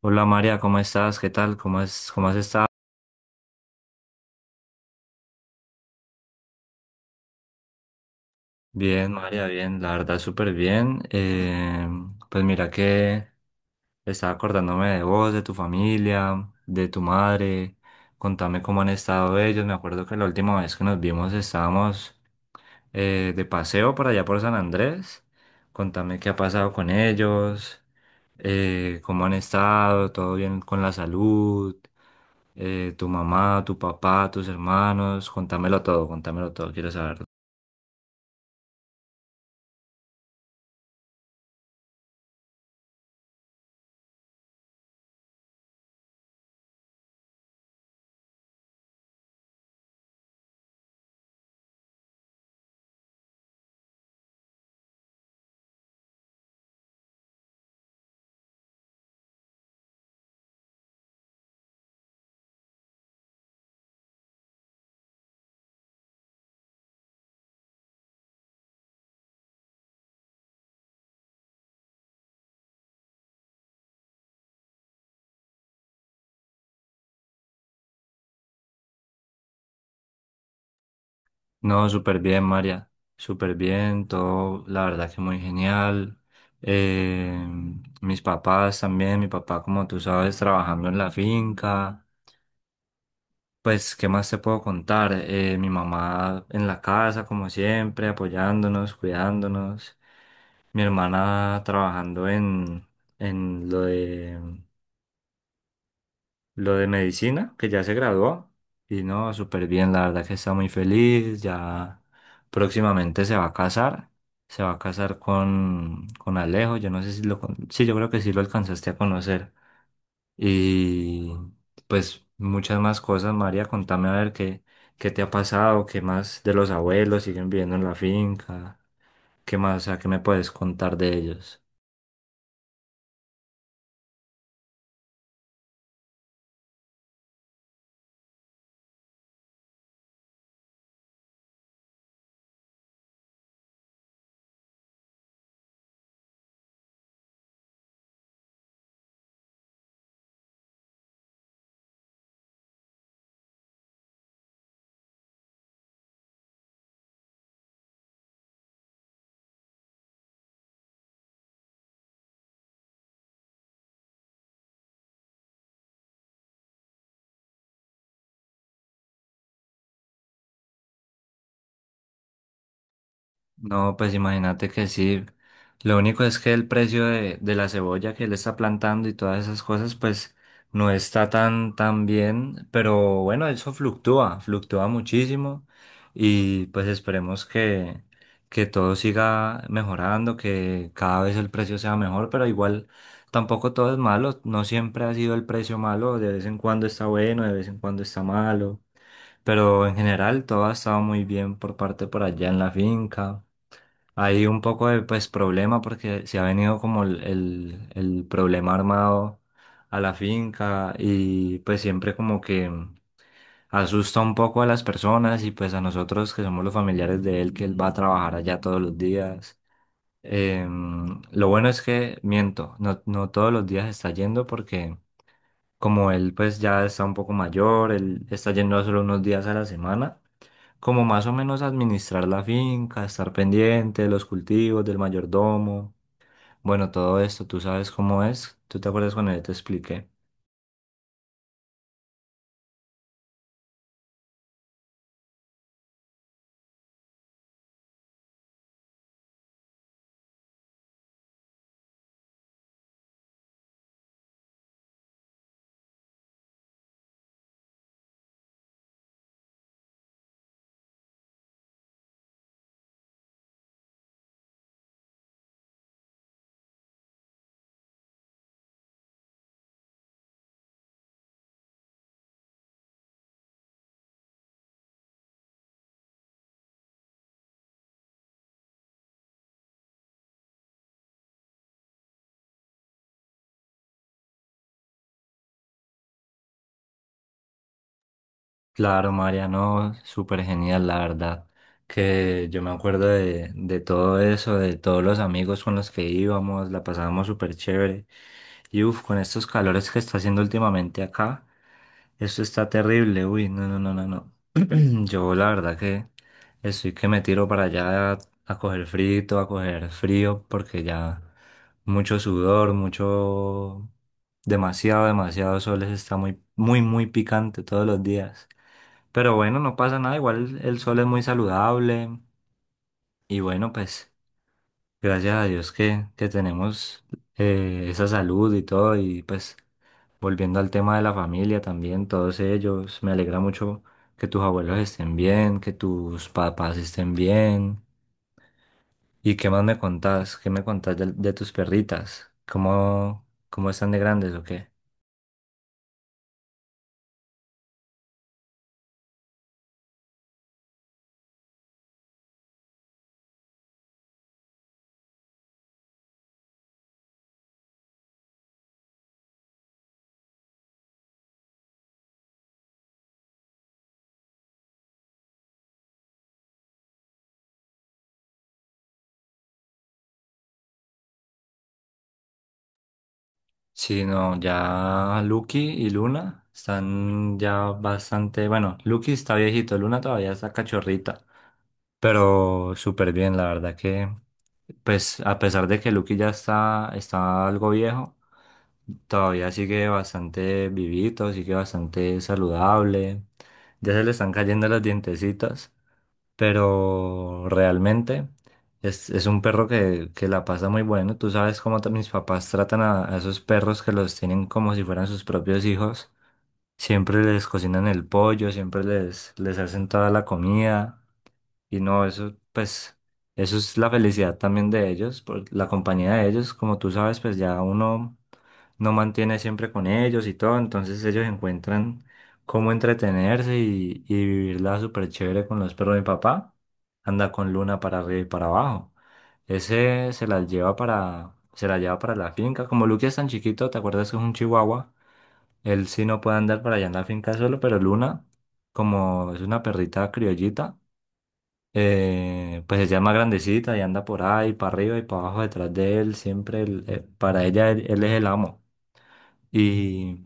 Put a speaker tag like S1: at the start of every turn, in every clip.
S1: Hola María, ¿cómo estás? ¿Qué tal? ¿Cómo es, cómo has estado? Bien, María, bien, la verdad súper bien. Pues mira que estaba acordándome de vos, de tu familia, de tu madre. Contame cómo han estado ellos. Me acuerdo que la última vez que nos vimos estábamos de paseo por allá por San Andrés. Contame qué ha pasado con ellos, cómo han estado, todo bien con la salud, tu mamá, tu papá, tus hermanos. Contámelo todo, quiero saberlo. No, súper bien, María. Súper bien, todo, la verdad que muy genial. Eh, Mis papás también, mi papá, como tú sabes, trabajando en la finca. Pues, ¿qué más te puedo contar? Mi mamá en la casa, como siempre, apoyándonos, cuidándonos. Mi hermana trabajando en lo lo de medicina, que ya se graduó. Y no, súper bien, la verdad que está muy feliz. Ya próximamente se va a casar. Se va a casar con Alejo. Yo no sé si lo... Sí, yo creo que sí lo alcanzaste a conocer. Y pues muchas más cosas, María, contame a ver qué te ha pasado, qué más de los abuelos siguen viviendo en la finca, qué más, o sea, qué me puedes contar de ellos. No, pues imagínate que sí. Lo único es que el precio de la cebolla que él está plantando y todas esas cosas, pues no está tan bien. Pero bueno, eso fluctúa, fluctúa muchísimo. Y pues esperemos que todo siga mejorando, que cada vez el precio sea mejor. Pero igual tampoco todo es malo. No siempre ha sido el precio malo. De vez en cuando está bueno, de vez en cuando está malo. Pero en general todo ha estado muy bien por parte por allá en la finca. Hay un poco de pues problema porque se ha venido como el problema armado a la finca y pues siempre como que asusta un poco a las personas y pues a nosotros que somos los familiares de él, que él va a trabajar allá todos los días. Lo bueno es que, miento, no todos los días está yendo porque como él pues ya está un poco mayor, él está yendo solo unos días a la semana como más o menos administrar la finca, estar pendiente de los cultivos, del mayordomo. Bueno, todo esto, tú sabes cómo es. ¿Tú te acuerdas cuando yo te expliqué? Claro, Mariano, súper genial, la verdad. Que yo me acuerdo de todo eso, de todos los amigos con los que íbamos, la pasábamos súper chévere. Y uff, con estos calores que está haciendo últimamente acá, esto está terrible. Uy, no, no, no, no, no. Yo la verdad que estoy que me tiro para allá a coger frito, a coger frío, porque ya mucho sudor, mucho, demasiado, demasiado sol, eso está muy, muy, muy picante todos los días. Pero bueno, no pasa nada, igual el sol es muy saludable y bueno, pues gracias a Dios que tenemos esa salud y todo y pues volviendo al tema de la familia también, todos ellos, me alegra mucho que tus abuelos estén bien, que tus papás estén bien y qué más me contás, qué me contás de tus perritas, cómo están de grandes o qué. Sí, no, ya Lucky y Luna están ya bastante, bueno, Lucky está viejito, Luna todavía está cachorrita, pero súper bien, la verdad que, pues a pesar de que Lucky ya está, está algo viejo, todavía sigue bastante vivito, sigue bastante saludable, ya se le están cayendo los dientecitos, pero realmente es un perro que la pasa muy bueno. Tú sabes cómo mis papás tratan a esos perros que los tienen como si fueran sus propios hijos. Siempre les cocinan el pollo, siempre les hacen toda la comida. Y no, eso, pues, eso es la felicidad también de ellos, por la compañía de ellos, como tú sabes, pues ya uno no mantiene siempre con ellos y todo, entonces ellos encuentran cómo entretenerse y vivirla súper chévere con los perros. De mi papá anda con Luna para arriba y para abajo. Ese se la lleva se la lleva para la finca. Como Lucky es tan chiquito, ¿te acuerdas que es un chihuahua? Él sí no puede andar para allá en la finca solo, pero Luna, como es una perrita criollita, pues se llama grandecita y anda por ahí, para arriba y para abajo, detrás de él, siempre para ella él, él es el amo. Y,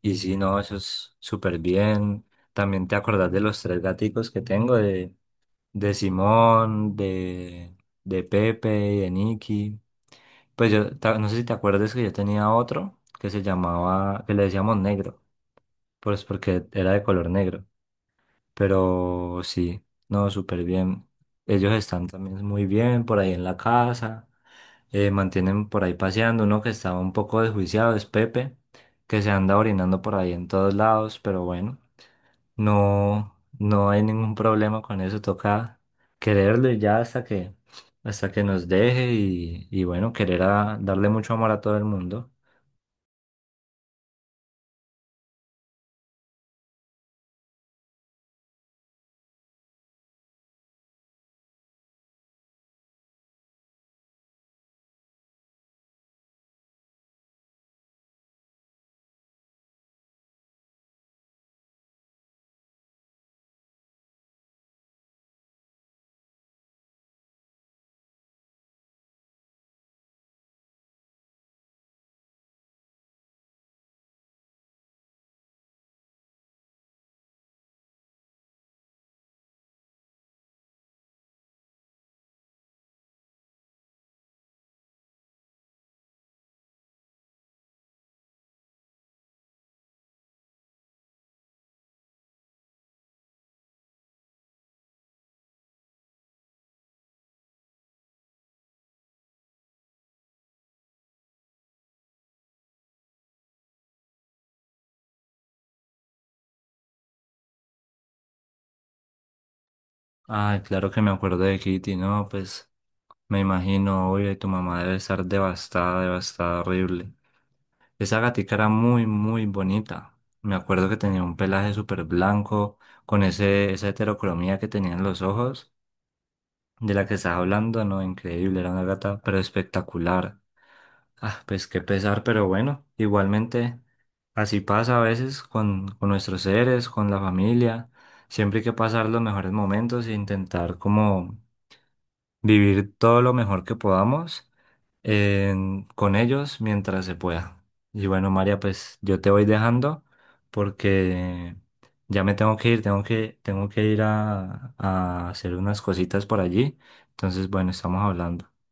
S1: y sí, no, eso es súper bien. También te acordás de los tres gaticos que tengo, de Simón, de Pepe y de Nicky. Pues yo, no sé si te acuerdas que yo tenía otro que se llamaba, que le decíamos negro, pues porque era de color negro. Pero sí, no, súper bien. Ellos están también muy bien por ahí en la casa, mantienen por ahí paseando. Uno que estaba un poco desjuiciado es Pepe, que se anda orinando por ahí en todos lados, pero bueno, no, no hay ningún problema con eso. Toca quererlo y ya hasta hasta que nos deje y bueno, querer darle mucho amor a todo el mundo. Ay, claro que me acuerdo de Kitty, no, pues. Me imagino, obvio, y tu mamá debe estar devastada, devastada, horrible. Esa gatica era muy, muy bonita. Me acuerdo que tenía un pelaje súper blanco, con esa heterocromía que tenían los ojos, de la que estás hablando, no, increíble, era una gata, pero espectacular. Ah, pues qué pesar, pero bueno, igualmente, así pasa a veces con nuestros seres, con la familia. Siempre hay que pasar los mejores momentos e intentar como vivir todo lo mejor que podamos con ellos mientras se pueda. Y bueno, María, pues yo te voy dejando porque ya me tengo que ir a hacer unas cositas por allí. Entonces, bueno, estamos hablando.